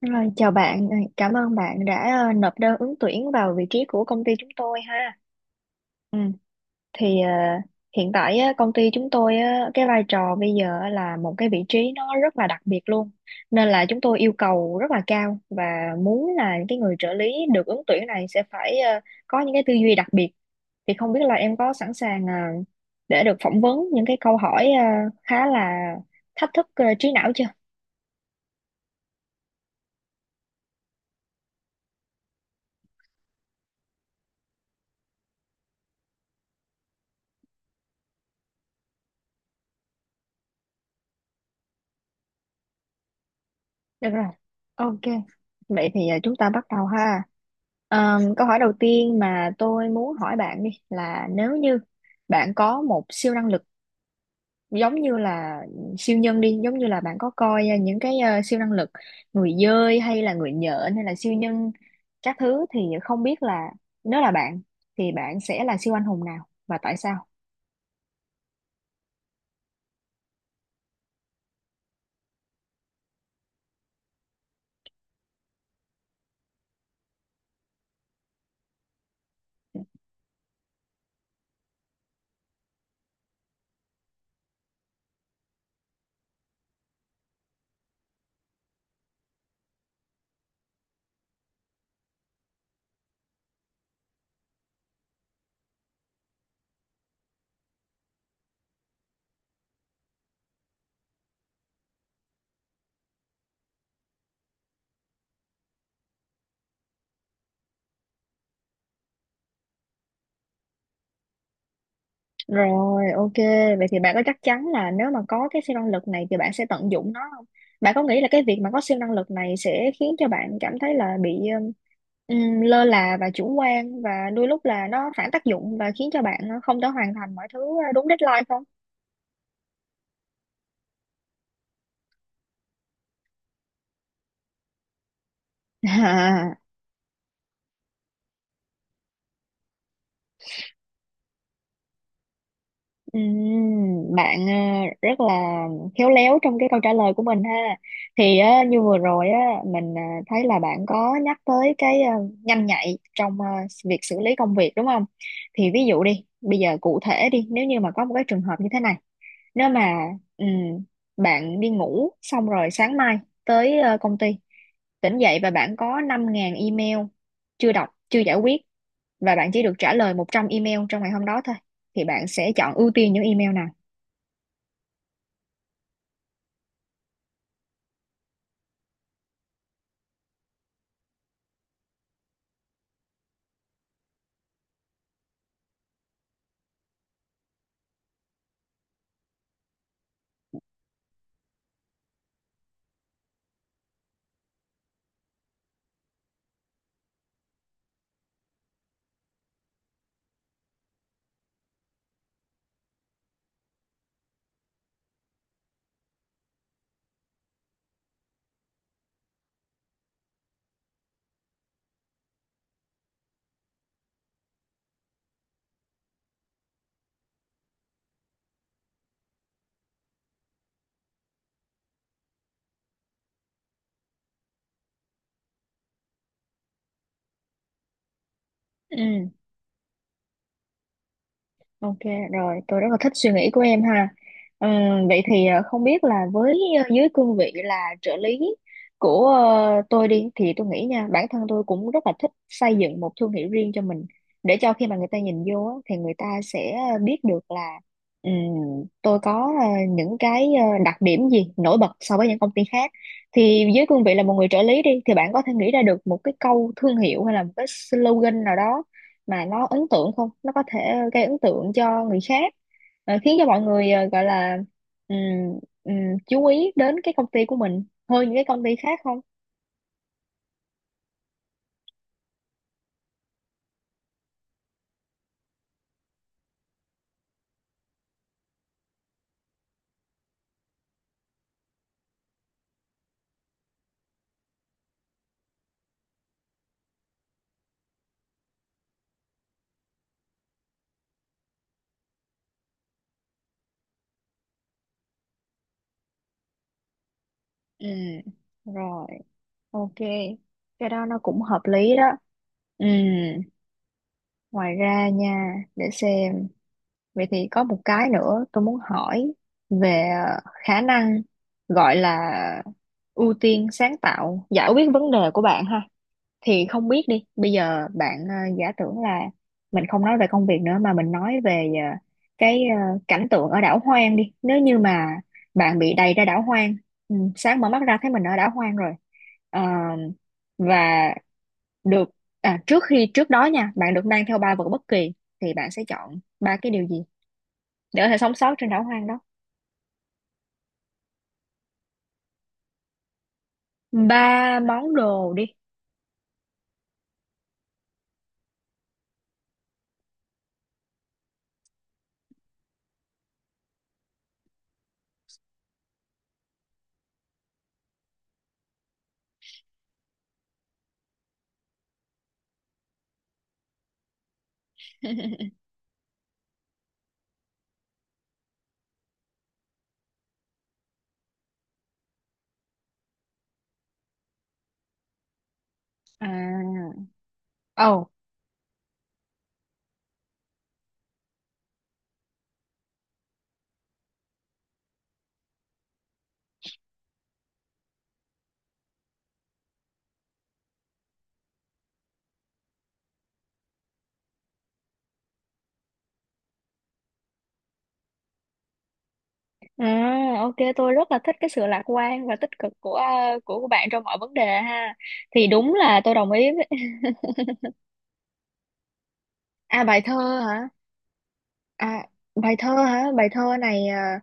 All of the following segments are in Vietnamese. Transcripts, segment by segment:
Rồi, chào bạn. Ờ, Cảm ơn bạn đã nộp đơn ứng tuyển vào vị trí của công ty chúng tôi ha. Ừ, thì ờ, Hiện tại á, công ty chúng tôi á, cái vai trò bây giờ á là một cái vị trí nó rất là đặc biệt luôn, nên là chúng tôi yêu cầu rất là cao và muốn là những cái người trợ lý được ứng tuyển này sẽ phải có những cái tư duy đặc biệt. Thì không biết là em có sẵn sàng để được phỏng vấn những cái câu hỏi khá là thách thức trí não chưa? Được rồi, ok. Vậy thì à, chúng ta bắt đầu ha. Câu hỏi đầu tiên mà tôi muốn hỏi bạn đi là nếu như bạn có một siêu năng lực, giống như là siêu nhân đi, giống như là bạn có coi à, những cái à, siêu năng lực người dơi hay là người nhện hay là siêu nhân các thứ, thì không biết là nếu là bạn thì bạn sẽ là siêu anh hùng nào và tại sao? Rồi, ok. Vậy thì bạn có chắc chắn là nếu mà có cái siêu năng lực này thì bạn sẽ tận dụng nó không? Bạn có nghĩ là cái việc mà có siêu năng lực này sẽ khiến cho bạn cảm thấy là bị lơ là và chủ quan, và đôi lúc là nó phản tác dụng và khiến cho bạn không thể hoàn thành mọi thứ đúng deadline không? Bạn rất là khéo léo trong cái câu trả lời của mình ha. Thì như vừa rồi á, mình thấy là bạn có nhắc tới cái nhanh nhạy trong việc xử lý công việc đúng không? Thì ví dụ đi, bây giờ cụ thể đi, nếu như mà có một cái trường hợp như thế này, nếu mà ừm, bạn đi ngủ xong rồi sáng mai tới công ty, tỉnh dậy và bạn có năm 000 email chưa đọc, chưa giải quyết, và bạn chỉ được trả lời 100 email trong ngày hôm đó thôi. Thì bạn sẽ chọn ưu tiên những email nào? Ừ. Ok rồi, tôi rất là thích suy nghĩ của em ha. Vậy thì không biết là với dưới cương vị là trợ lý của tôi đi, thì tôi nghĩ nha, bản thân tôi cũng rất là thích xây dựng một thương hiệu riêng cho mình, để cho khi mà người ta nhìn vô á, thì người ta sẽ biết được là ừm, tôi có những cái đặc điểm gì nổi bật so với những công ty khác. Thì dưới cương vị là một người trợ lý đi thì bạn có thể nghĩ ra được một cái câu thương hiệu hay là một cái slogan nào đó mà nó ấn tượng không, nó có thể gây ấn tượng cho người khác, khiến cho mọi người gọi là ừm, ừm, chú ý đến cái công ty của mình hơn những cái công ty khác không? Ừ, rồi, ok. Cái đó nó cũng hợp lý đó. Ừ, ngoài ra nha, để xem. Vậy thì có một cái nữa tôi muốn hỏi về khả năng gọi là ưu tiên sáng tạo giải quyết vấn đề của bạn ha. Thì không biết đi, bây giờ bạn giả tưởng là mình không nói về công việc nữa, mà mình nói về cái cảnh tượng ở đảo hoang đi. Nếu như mà bạn bị đày ra đảo hoang, ừ, sáng mở mắt ra thấy mình ở đảo hoang rồi, Ờ, và được à, trước đó nha, bạn được mang theo ba vật bất kỳ, thì bạn sẽ chọn ba cái điều gì để có thể sống sót trên đảo hoang đó? Ba món đồ đi. À, ồ. À, ok, tôi rất là thích cái sự lạc quan và tích cực của bạn trong mọi vấn đề ha. Thì đúng là tôi đồng ý với... À, bài thơ hả? À, bài thơ hả? Bài thơ này à,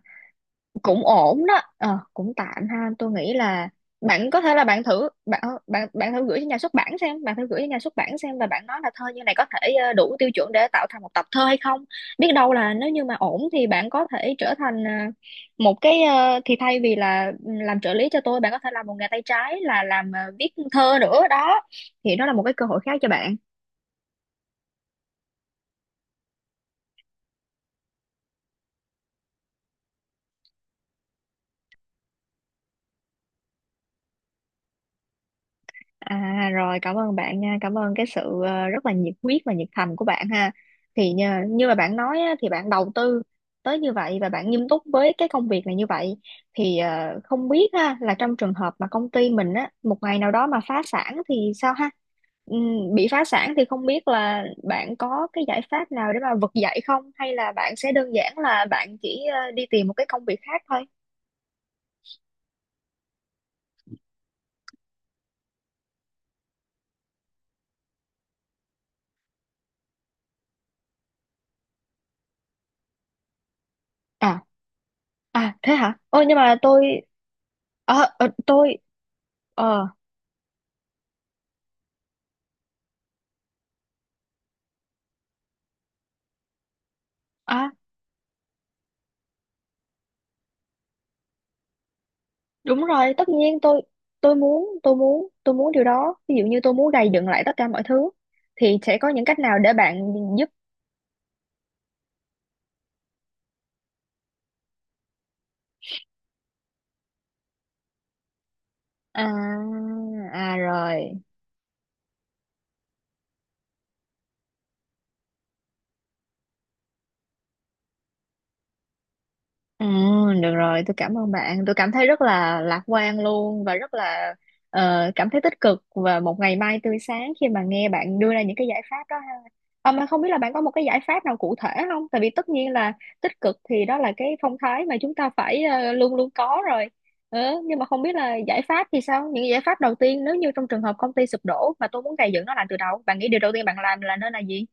cũng ổn đó, cũng tạm ha. Tôi nghĩ là bạn có thể là bạn thử bạn ờ, bạn bạn thử gửi cho nhà xuất bản xem, bạn thử gửi cho nhà xuất bản xem, và bạn nói là thơ như này có thể đủ tiêu chuẩn để tạo thành một tập thơ hay không. Biết đâu là nếu như mà ổn thì bạn có thể trở thành thì thay vì là ừ, làm trợ lý cho tôi, bạn có thể làm một nghề tay trái là làm viết thơ nữa đó. Thì đó là một cái cơ hội khác cho bạn. À rồi, cảm ơn bạn nha, cảm ơn cái sự rất là nhiệt huyết và nhiệt thành của bạn ha. Thì như mà bạn nói á, thì bạn đầu tư tới như vậy và bạn nghiêm túc với cái công việc này như vậy, thì không biết ha là trong trường hợp mà công ty mình á một ngày nào đó mà phá sản thì sao ha? Bị phá sản thì không biết là bạn có cái giải pháp nào để mà vực dậy không, hay là bạn sẽ đơn giản là bạn chỉ đi tìm một cái công việc khác thôi? À, à thế hả, ôi nhưng mà tôi ờ à, đúng rồi, tất nhiên tôi muốn điều đó. Ví dụ như tôi muốn gầy dựng lại tất cả mọi thứ, thì sẽ có những cách nào để bạn giúp? À, à rồi. Ừ, được rồi, tôi cảm ơn bạn. Tôi cảm thấy rất là lạc quan luôn, và rất là cảm thấy tích cực và một ngày mai tươi sáng khi mà nghe bạn đưa ra những cái giải pháp đó. Mà không biết là bạn có một cái giải pháp nào cụ thể không? Tại vì tất nhiên là tích cực thì đó là cái phong thái mà chúng ta phải luôn luôn có rồi. Ừ, nhưng mà không biết là giải pháp thì sao? Những giải pháp đầu tiên, nếu như trong trường hợp công ty sụp đổ mà tôi muốn gây dựng nó lại từ đầu, bạn nghĩ điều đầu tiên bạn làm là nên là gì?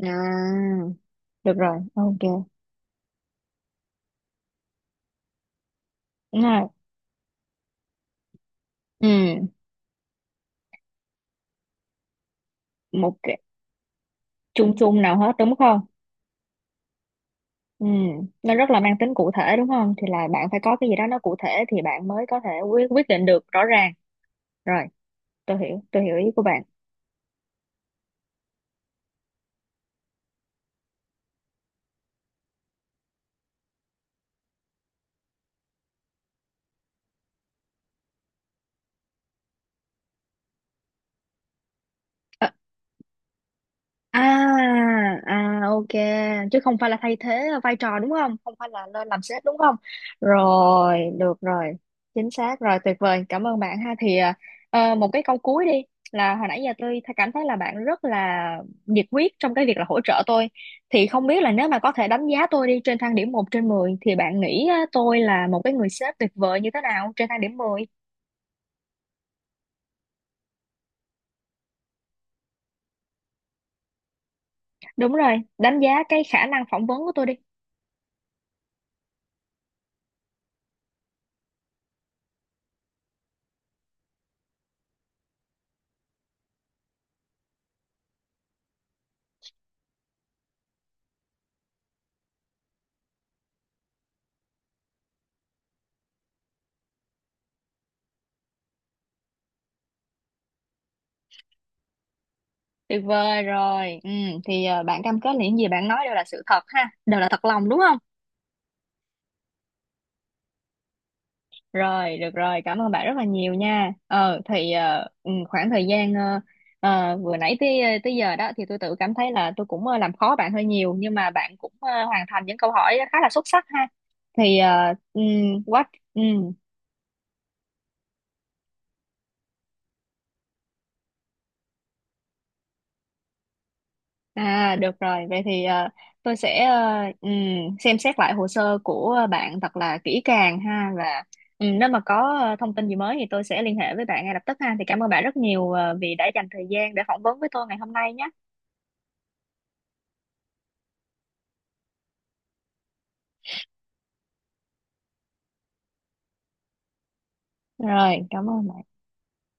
À, được rồi, ok. Đúng rồi. Ừ, một cái chung chung nào hết đúng không? Ừ, nó rất là mang tính cụ thể đúng không? Thì là bạn phải có cái gì đó nó cụ thể thì bạn mới có thể quyết quyết định được rõ ràng. Rồi, tôi hiểu ý của bạn. À, à ok, chứ không phải là thay thế vai trò đúng không? Không phải là lên làm sếp đúng không? Rồi, được rồi. Chính xác rồi, tuyệt vời. Cảm ơn bạn ha. Thì một cái câu cuối đi, là hồi nãy giờ tôi thấy- cảm thấy là bạn rất là nhiệt huyết trong cái việc là hỗ trợ tôi. Thì không biết là nếu mà có thể đánh giá tôi đi trên thang điểm một trên mười, thì bạn nghĩ á, tôi là một cái người sếp tuyệt vời như thế nào trên thang điểm 10? Đúng rồi, đánh giá cái khả năng phỏng vấn của tôi đi. Tuyệt vời rồi. Ừ, thì bạn cam kết là những gì bạn nói đều là sự thật ha, đều là thật lòng đúng không? Rồi, được rồi, cảm ơn bạn rất là nhiều nha. Khoảng thời gian vừa nãy tới tới giờ đó, thì tôi tự cảm thấy là tôi cũng làm khó bạn hơi nhiều, nhưng mà bạn cũng hoàn thành những câu hỏi khá là xuất sắc ha. Thì quá ừ, à được rồi. Vậy thì tôi sẽ xem xét lại hồ sơ của bạn thật là kỹ càng ha, và nếu mà có thông tin gì mới thì tôi sẽ liên hệ với bạn ngay lập tức ha. Thì cảm ơn bạn rất nhiều vì đã dành thời gian để phỏng vấn với tôi ngày hôm nay nhé. Rồi, cảm ơn bạn.